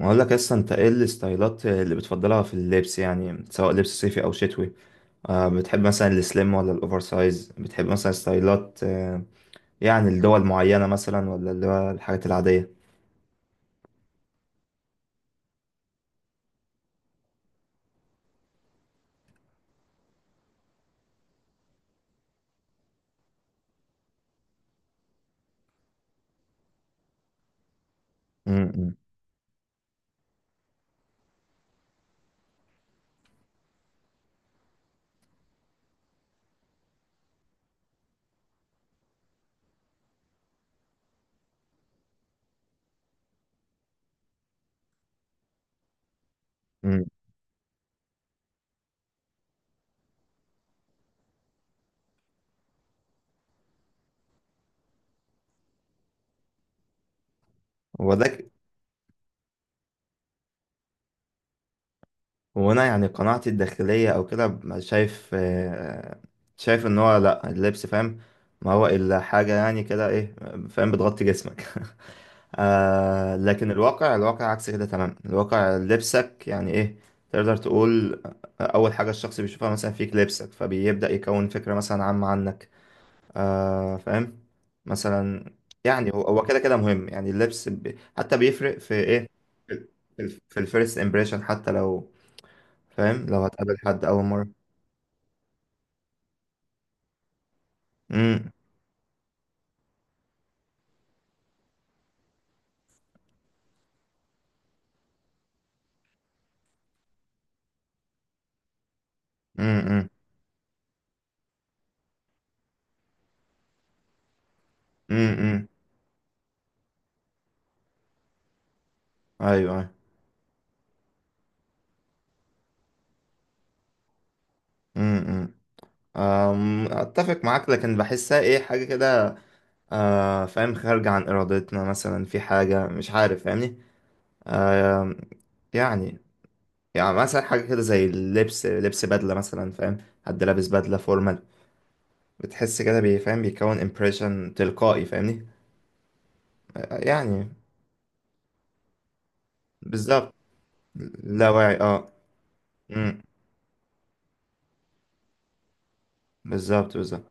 اقول لك اصلا، انت ايه الستايلات اللي بتفضلها في اللبس؟ يعني سواء لبس صيفي او شتوي. بتحب مثلا السليم ولا الاوفر سايز؟ بتحب مثلا ستايلات، يعني لدول معينة مثلا، ولا اللي هو الحاجات العادية؟ امم امم. وده، وانا يعني قناعتي الداخلية او كده شايف، شايف ان هو لا، اللبس، فاهم، ما هو الا حاجة يعني كده ايه، فاهم، بتغطي جسمك لكن الواقع، عكس كده تماما. الواقع لبسك يعني ايه، تقدر تقول اول حاجة الشخص بيشوفها مثلا فيك لبسك، فبيبدأ يكون فكرة مثلا عامة عنك، فاهم، مثلا. يعني هو كده كده مهم، يعني اللبس ب... حتى بيفرق في ايه، في في الفيرست امبريشن، حتى لو، فاهم، لو هتقابل حد اول مرة. امم امم. امم. ايوه ايوه. اتفق معاك، لكن بحسها ايه حاجة كده، فاهم، خارجة عن إرادتنا، مثلا في حاجة، مش عارف، فاهمني؟ آه يعني، يعني مثلا حاجة كده زي اللبس، لبس بدلة مثلا، فاهم، حد لابس بدلة فورمال، بتحس كده فاهم، بيكون امبريشن تلقائي، فاهمني؟ يعني. بالظبط. لا واعي، اه. امم. بالظبط بالظبط.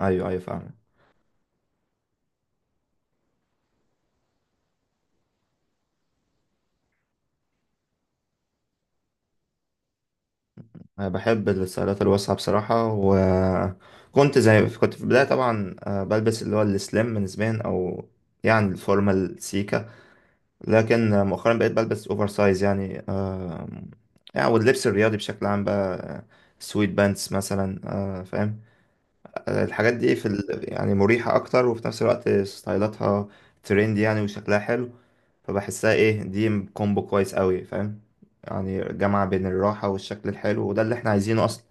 ايوه ايوه فاهم. أنا بحب الستايلات الواسعة بصراحة. وكنت زي كنت في البداية طبعا، بلبس اللي هو السليم نسبيا، أو يعني الفورمال سيكا. لكن مؤخرا بقيت بلبس أوفر سايز يعني، يعني واللبس الرياضي بشكل عام بقى، سويت بانتس مثلا، فاهم. الحاجات دي في ال... يعني مريحة أكتر، وفي نفس الوقت ستايلاتها ترند يعني، وشكلها حلو. فبحسها إيه، دي كومبو كويس أوي، فاهم. يعني جامعة بين الراحة والشكل الحلو، وده اللي احنا عايزينه أصلا.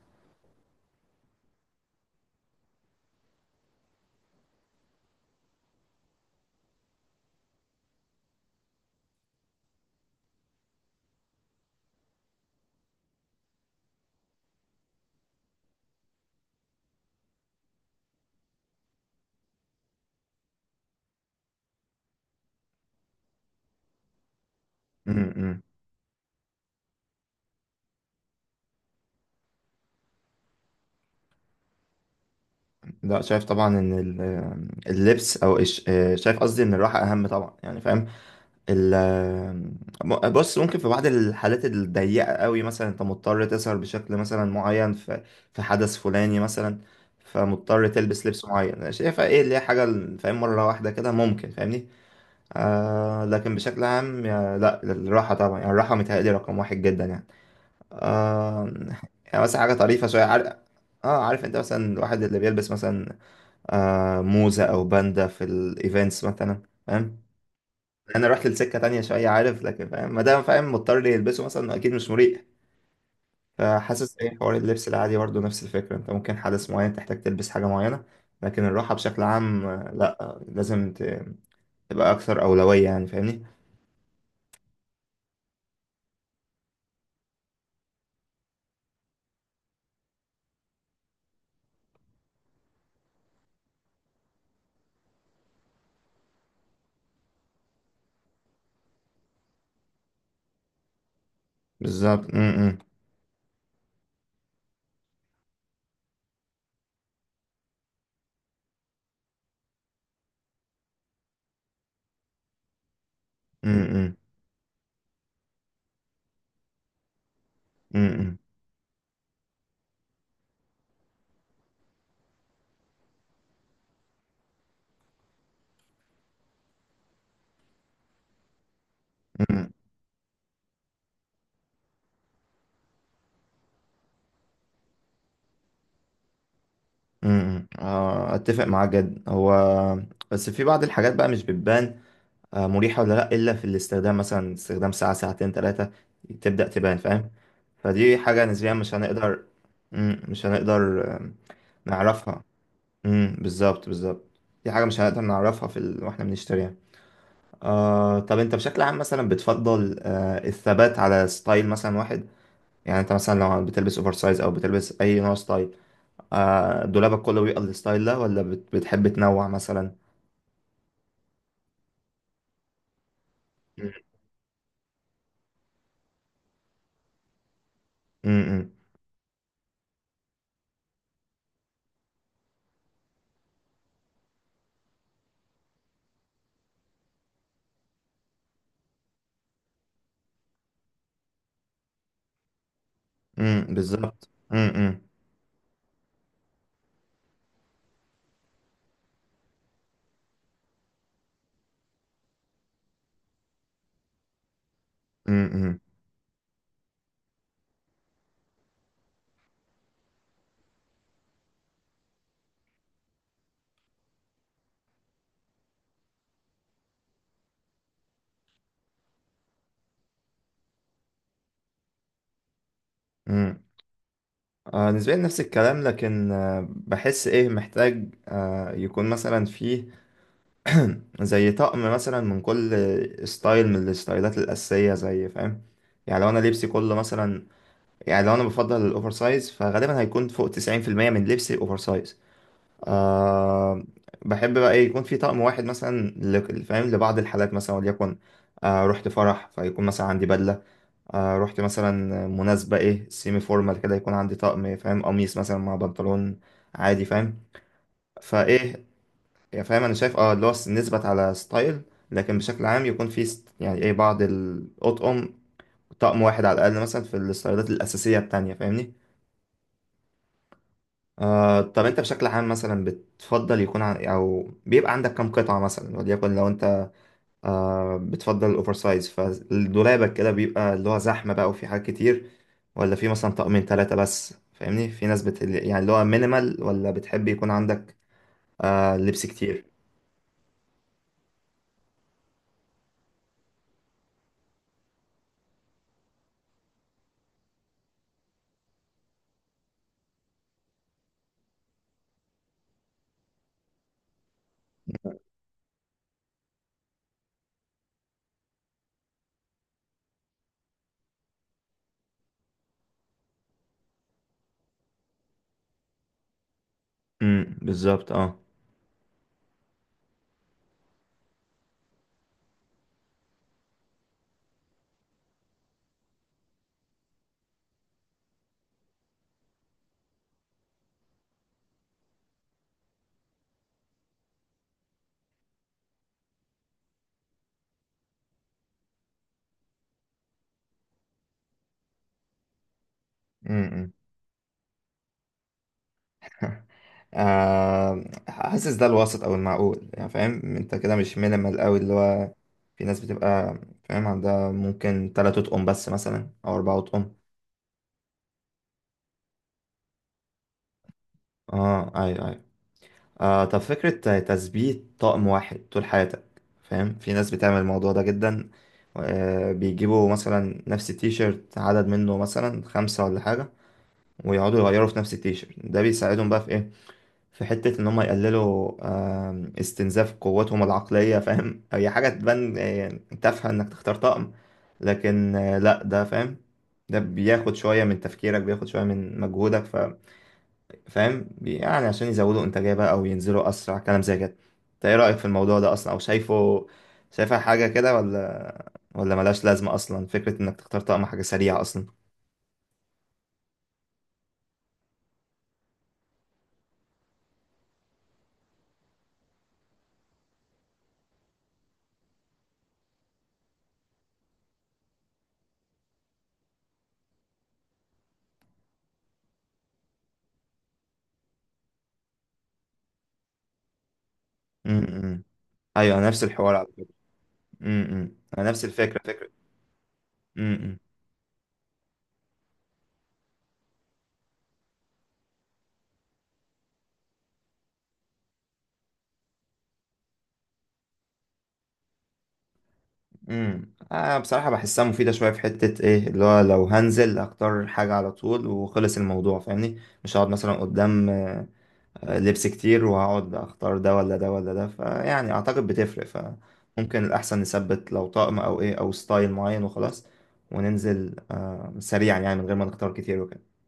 امم. لا شايف طبعا ان اللبس او شايف قصدي ان الراحه اهم طبعا، يعني فاهم. ال- بص ممكن في بعض الحالات الضيقه قوي، مثلا انت مضطر تسهر بشكل مثلا معين في في حدث فلاني مثلا، فمضطر تلبس لبس معين، شايفها ايه اللي هي حاجه، فاهم، مره واحده كده ممكن، فاهمني؟ لكن بشكل عام، لا الراحه طبعا، يعني الراحه متهيألي رقم واحد جدا يعني، آه. يعني مثلا حاجه طريفه شويه، عارف، اه عارف، انت مثلا الواحد اللي بيلبس مثلا موزة أو باندا في الإيفنتس مثلا، فاهم. أنا رحت لسكة تانية شوية، عارف، لكن فاهم، ما دام فاهم مضطر لي يلبسه مثلا، أكيد مش مريح. فحاسس إيه حوار اللبس العادي برضه نفس الفكرة، أنت ممكن حدث معين تحتاج تلبس حاجة معينة، لكن الراحة بشكل عام، لأ، لازم تبقى أكثر أولوية، يعني فاهمني. بالظبط. م- م- م- م- م- م- م- م- آه، أتفق معاك جدا. هو بس في بعض الحاجات بقى، مش بتبان مريحة ولا لأ، إلا في الاستخدام، مثلا استخدام ساعة، ساعتين، تلاتة تبدأ تبان، فاهم. فدي حاجة نسبيا مش هنقدر. مش هنقدر نعرفها. مم، بالظبط بالظبط. دي حاجة مش هنقدر نعرفها في ال... واحنا بنشتريها. طب انت بشكل عام مثلا بتفضل الثبات على ستايل مثلا واحد؟ يعني انت مثلا لو بتلبس اوفر سايز، او بتلبس اي نوع ستايل، دولابك كله بيبقى الستايل ده، ولا بت... بتحب تنوع مثلا؟ مم، مم، مم، بالظبط، مم، مم، مم، مم. امم. نسبيا نفس الكلام، لكن بحس ايه محتاج يكون مثلا فيه زي طقم مثلا من كل ستايل من الستايلات الأساسية، زي فاهم، يعني لو انا لبسي كله مثلا، يعني لو انا بفضل الاوفر سايز، فغالبا هيكون فوق 90% من لبسي اوفر سايز، آه. بحب بقى ايه يكون في طقم واحد مثلا، فاهم لبعض الحالات مثلا، وليكن رحت فرح، فيكون مثلا عندي بدلة. رحت مثلا مناسبة ايه سيمي فورمال كده، يكون عندي طقم، فاهم، قميص مثلا مع بنطلون عادي، فاهم. فايه، يعني فاهم، انا شايف اه اللي هو نثبت على ستايل، لكن بشكل عام يكون في يعني ايه بعض الاطقم، طقم واحد على الاقل مثلا في الستايلات الاساسية التانية، فاهمني؟ طب انت بشكل عام مثلا بتفضل يكون او بيبقى عندك كم قطعة مثلا، وليكن لو انت بتفضل الاوفر سايز، فدولابك كده بيبقى اللي هو زحمه بقى وفي حاجات كتير، ولا في مثلا طقمين ثلاثه بس، فاهمني؟ في ناس بت... يعني اللي هو مينيمال، ولا بتحب يكون عندك لبس كتير؟ بالظبط اه. امم. حاسس ده الوسط او المعقول، يعني فاهم انت كده مش مينيمال قوي، اللي هو في ناس بتبقى، فاهم، عندها ممكن ثلاثة اطقم بس مثلا، او اربعة اطقم. اه ايوه ايوه. طب فكرة تثبيت طقم واحد طول حياتك، فاهم في ناس بتعمل الموضوع ده جدا، بيجيبوا مثلا نفس التيشيرت، عدد منه مثلا خمسة ولا حاجة، ويقعدوا يغيروا في نفس التيشيرت ده، بيساعدهم بقى في ايه، في حتة ان هم يقللوا استنزاف قوتهم العقلية، فاهم هي حاجة تبان تافهة، انك تختار طقم، لكن لا ده، فاهم، ده بياخد شوية من تفكيرك، بياخد شوية من مجهودك، فاهم، يعني عشان يزودوا انتاجيه بقى، او ينزلوا اسرع، كلام زي كده. انت ايه رايك في الموضوع ده اصلا، او شايفه، شايفها حاجه كده، ولا ملهاش لازمه اصلا، فكره انك تختار طقم حاجه سريعه اصلا؟ امم ايوه. أنا نفس الحوار على فكره. امم، انا نفس الفكره. امم. امم، انا بصراحه بحسها مفيده شويه، في حته ايه اللي هو لو هنزل اختار حاجه على طول وخلص الموضوع، فاهمني، مش هقعد مثلا قدام لبس كتير وهقعد اختار ده ولا ده ولا ده، فيعني اعتقد بتفرق. فممكن الاحسن نثبت لو طقم او ايه، او ستايل معين وخلاص، وننزل سريعا، يعني من غير ما نختار كتير وكده.